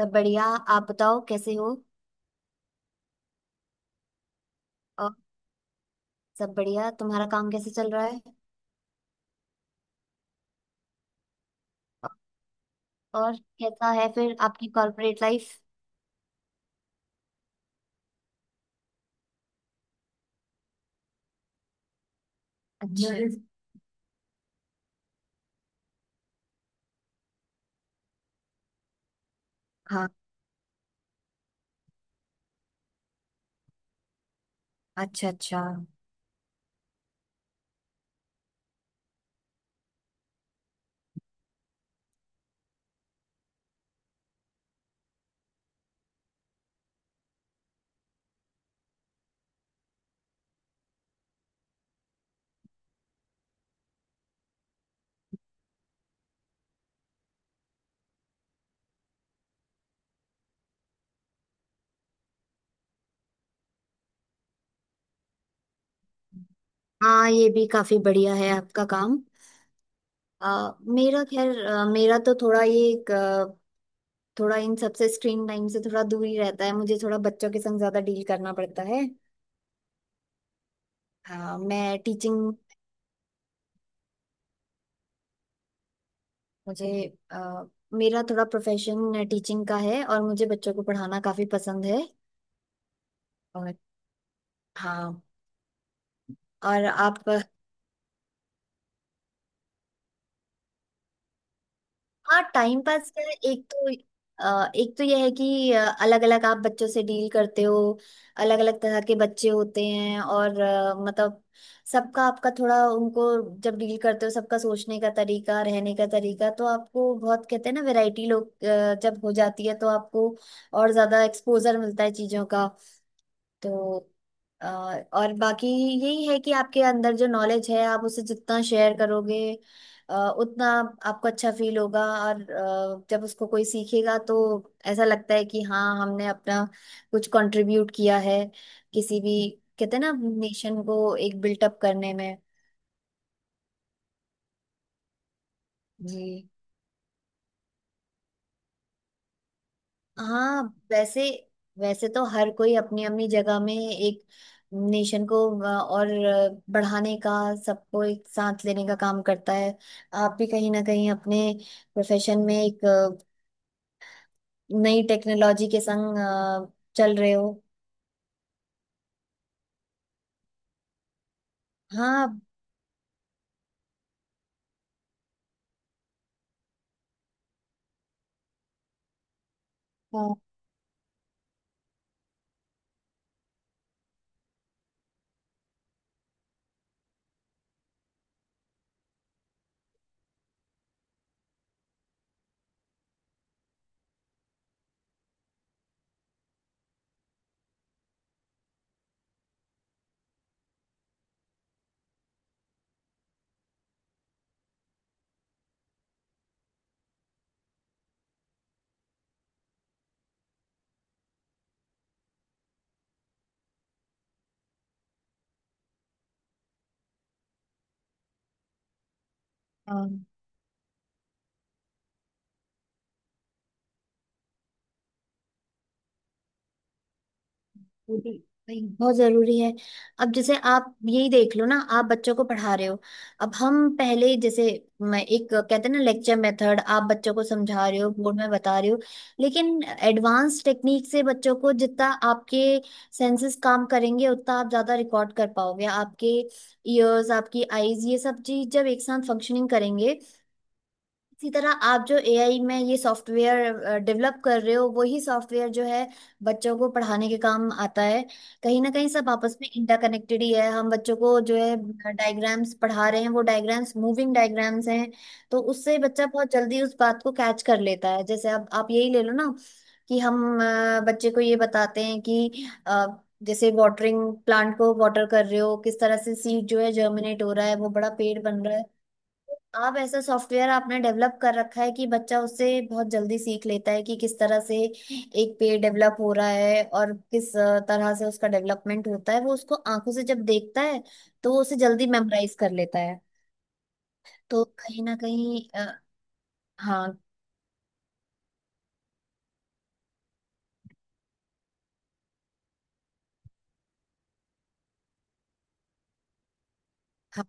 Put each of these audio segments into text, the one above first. सब बढ़िया। आप बताओ कैसे हो। और सब बढ़िया। तुम्हारा काम कैसे चल रहा है। और कैसा है फिर आपकी कॉर्पोरेट लाइफ। अच्छा। Yes। हाँ। अच्छा अच्छा। हाँ, ये भी काफी बढ़िया है आपका काम। मेरा खैर मेरा तो थोड़ा ये थोड़ा इन सबसे स्क्रीन टाइम से थोड़ा दूर ही रहता है। मुझे थोड़ा बच्चों के संग ज्यादा डील करना पड़ता है। हाँ, मैं टीचिंग। मुझे अ, मेरा थोड़ा प्रोफेशन टीचिंग का है और मुझे बच्चों को पढ़ाना काफी पसंद है। और हाँ। और आप। हाँ, टाइम पास का। एक तो एक तो यह है कि अलग अलग आप बच्चों से डील करते हो। अलग अलग तरह के बच्चे होते हैं और मतलब सबका आपका थोड़ा उनको जब डील करते हो सबका सोचने का तरीका रहने का तरीका, तो आपको बहुत कहते हैं ना, वैरायटी लोग जब हो जाती है तो आपको और ज्यादा एक्सपोजर मिलता है चीजों का। तो अ, और बाकी यही है कि आपके अंदर जो नॉलेज है आप उसे जितना शेयर करोगे उतना आपको अच्छा फील होगा, और जब उसको कोई सीखेगा तो ऐसा लगता है कि हाँ, हमने अपना कुछ कंट्रीब्यूट किया है किसी भी, कहते हैं ना, नेशन को एक बिल्टअप करने में। जी। हाँ। वैसे वैसे तो हर कोई अपनी अपनी जगह में एक नेशन को और बढ़ाने का, सबको एक साथ लेने का काम करता है। आप भी कहीं ना कहीं अपने प्रोफेशन में एक नई टेक्नोलॉजी के संग चल रहे हो। हाँ, हाँ, हाँ। वो भी भाई बहुत जरूरी है। अब जैसे आप यही देख लो ना, आप बच्चों को पढ़ा रहे हो। अब हम पहले जैसे, मैं एक, कहते हैं ना, लेक्चर मेथड आप बच्चों को समझा रहे हो, बोर्ड में बता रहे हो। लेकिन एडवांस टेक्निक से बच्चों को जितना आपके सेंसेस काम करेंगे उतना आप ज्यादा रिकॉर्ड कर पाओगे। आपके ईयर्स, आपकी आईज, ये सब चीज जब एक साथ फंक्शनिंग करेंगे। इसी तरह आप जो एआई में ये सॉफ्टवेयर डेवलप कर रहे हो वही सॉफ्टवेयर जो है बच्चों को पढ़ाने के काम आता है। कहीं ना कहीं सब आपस में इंटरकनेक्टेड ही है। हम बच्चों को जो है डायग्राम्स पढ़ा रहे हैं, वो डायग्राम्स मूविंग डायग्राम्स हैं। तो उससे बच्चा बहुत जल्दी उस बात को कैच कर लेता है। जैसे अब आप यही ले लो ना, कि हम बच्चे को ये बताते हैं कि जैसे वाटरिंग, प्लांट को वाटर कर रहे हो, किस तरह से सीड जो है जर्मिनेट हो रहा है, वो बड़ा पेड़ बन रहा है। आप ऐसा सॉफ्टवेयर आपने डेवलप कर रखा है कि बच्चा उससे बहुत जल्दी सीख लेता है कि किस तरह से एक पेड़ डेवलप हो रहा है और किस तरह से उसका डेवलपमेंट होता है। वो उसको आंखों से जब देखता है तो वो उसे जल्दी मेमोराइज कर लेता है। तो कहीं ना कहीं हाँ। हाँ,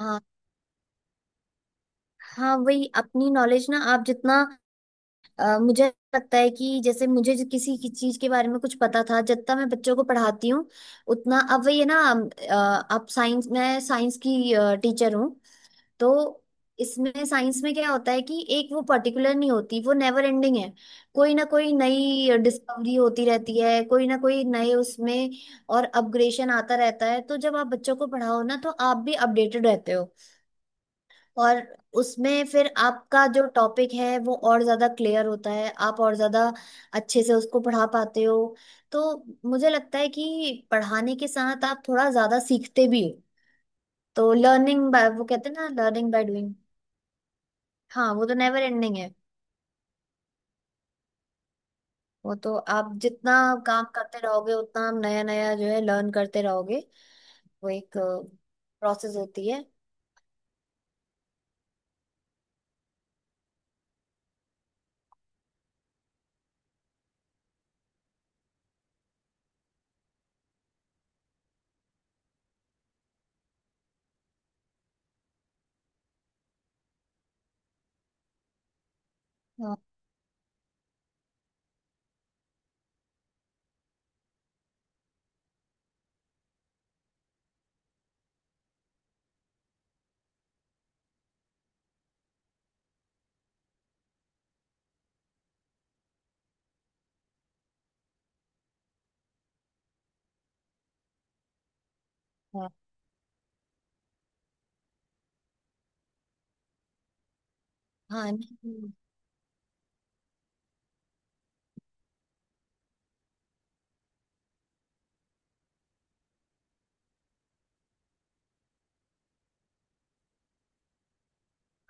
हाँ, हाँ, वही अपनी नॉलेज ना आप जितना मुझे लगता है कि जैसे मुझे जो किसी की चीज के बारे में कुछ पता था, जितना मैं बच्चों को पढ़ाती हूँ उतना, अब वही है ना। आप साइंस मैं साइंस की टीचर हूँ। तो इसमें साइंस में क्या होता है कि एक वो पर्टिकुलर नहीं होती, वो नेवर एंडिंग है। कोई ना कोई नई डिस्कवरी होती रहती है, कोई ना कोई नए उसमें और अपग्रेडेशन आता रहता है। तो जब आप बच्चों को पढ़ाओ ना, तो आप भी अपडेटेड रहते हो। और उसमें फिर आपका जो टॉपिक है वो और ज्यादा क्लियर होता है, आप और ज्यादा अच्छे से उसको पढ़ा पाते हो। तो मुझे लगता है कि पढ़ाने के साथ आप थोड़ा ज्यादा सीखते भी हो। तो लर्निंग बाय, वो कहते हैं ना, लर्निंग बाय। हाँ, वो तो नेवर एंडिंग है। वो तो आप जितना काम करते रहोगे उतना आप नया नया जो है लर्न करते रहोगे। वो एक प्रोसेस होती है। हाँ, हाँ, हाँ, नहीं,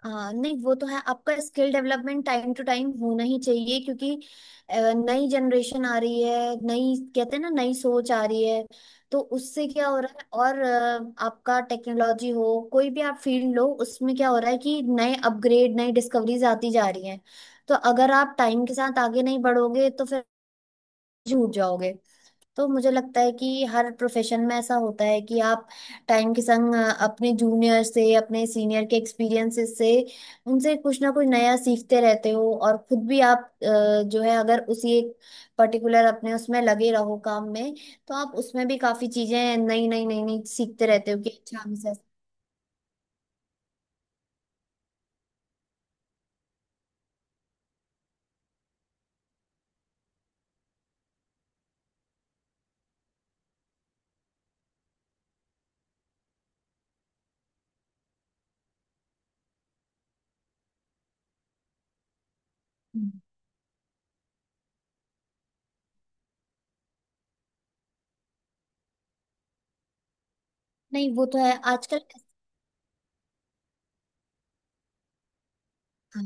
हाँ, नहीं, वो तो है। आपका skill development time to time होना ही चाहिए, क्योंकि नई जनरेशन आ रही है, नई, कहते हैं ना, नई सोच आ रही है। तो उससे क्या हो रहा है, और आपका टेक्नोलॉजी हो कोई भी आप फील्ड लो, उसमें क्या हो रहा है कि नए अपग्रेड, नई डिस्कवरीज आती जा रही हैं। तो अगर आप टाइम के साथ आगे नहीं बढ़ोगे तो फिर झूठ जाओगे। तो मुझे लगता है कि हर प्रोफेशन में ऐसा होता है कि आप टाइम के संग अपने जूनियर से, अपने सीनियर के एक्सपीरियंसेस से, उनसे कुछ ना कुछ नया सीखते रहते हो। और खुद भी आप जो है, अगर उसी एक पर्टिकुलर अपने उसमें लगे रहो काम में, तो आप उसमें भी काफी चीजें नई नई नई नई सीखते रहते हो कि अच्छा हम इसे। हम्म। नहीं, वो तो है आजकल। हाँ,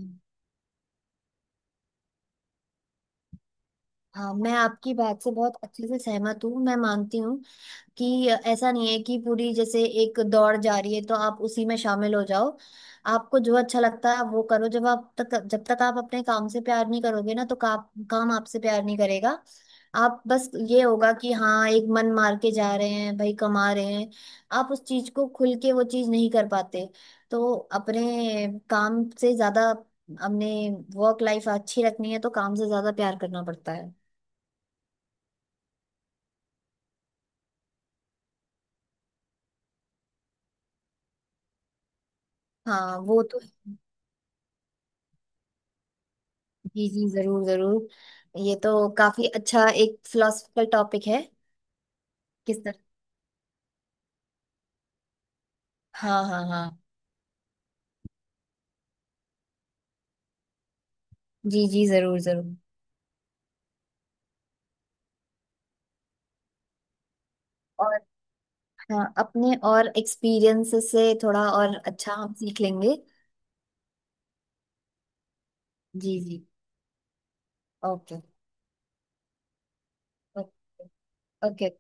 हाँ, मैं आपकी बात से बहुत अच्छे से सहमत हूँ। मैं मानती हूँ कि ऐसा नहीं है कि पूरी जैसे एक दौड़ जा रही है तो आप उसी में शामिल हो जाओ। आपको जो अच्छा लगता है आप वो करो। जब आप तक, जब तक आप अपने काम से प्यार नहीं करोगे ना तो काम आपसे प्यार नहीं करेगा। आप, बस ये होगा कि हाँ, एक मन मार के जा रहे हैं भाई, कमा रहे हैं। आप उस चीज को खुल के वो चीज नहीं कर पाते। तो अपने काम से ज्यादा, अपने वर्क लाइफ अच्छी रखनी है तो काम से ज्यादा प्यार करना पड़ता है। हाँ, वो तो है। जी जी, जरूर जरूर। ये तो काफी अच्छा एक फिलोसफिकल टॉपिक है। किस तरह। हाँ, हाँ, हाँ। जी जी, जरूर जरूर। और हाँ, अपने और एक्सपीरियंस से थोड़ा और अच्छा हम सीख लेंगे। जी जी। ओके। ओके। ओके।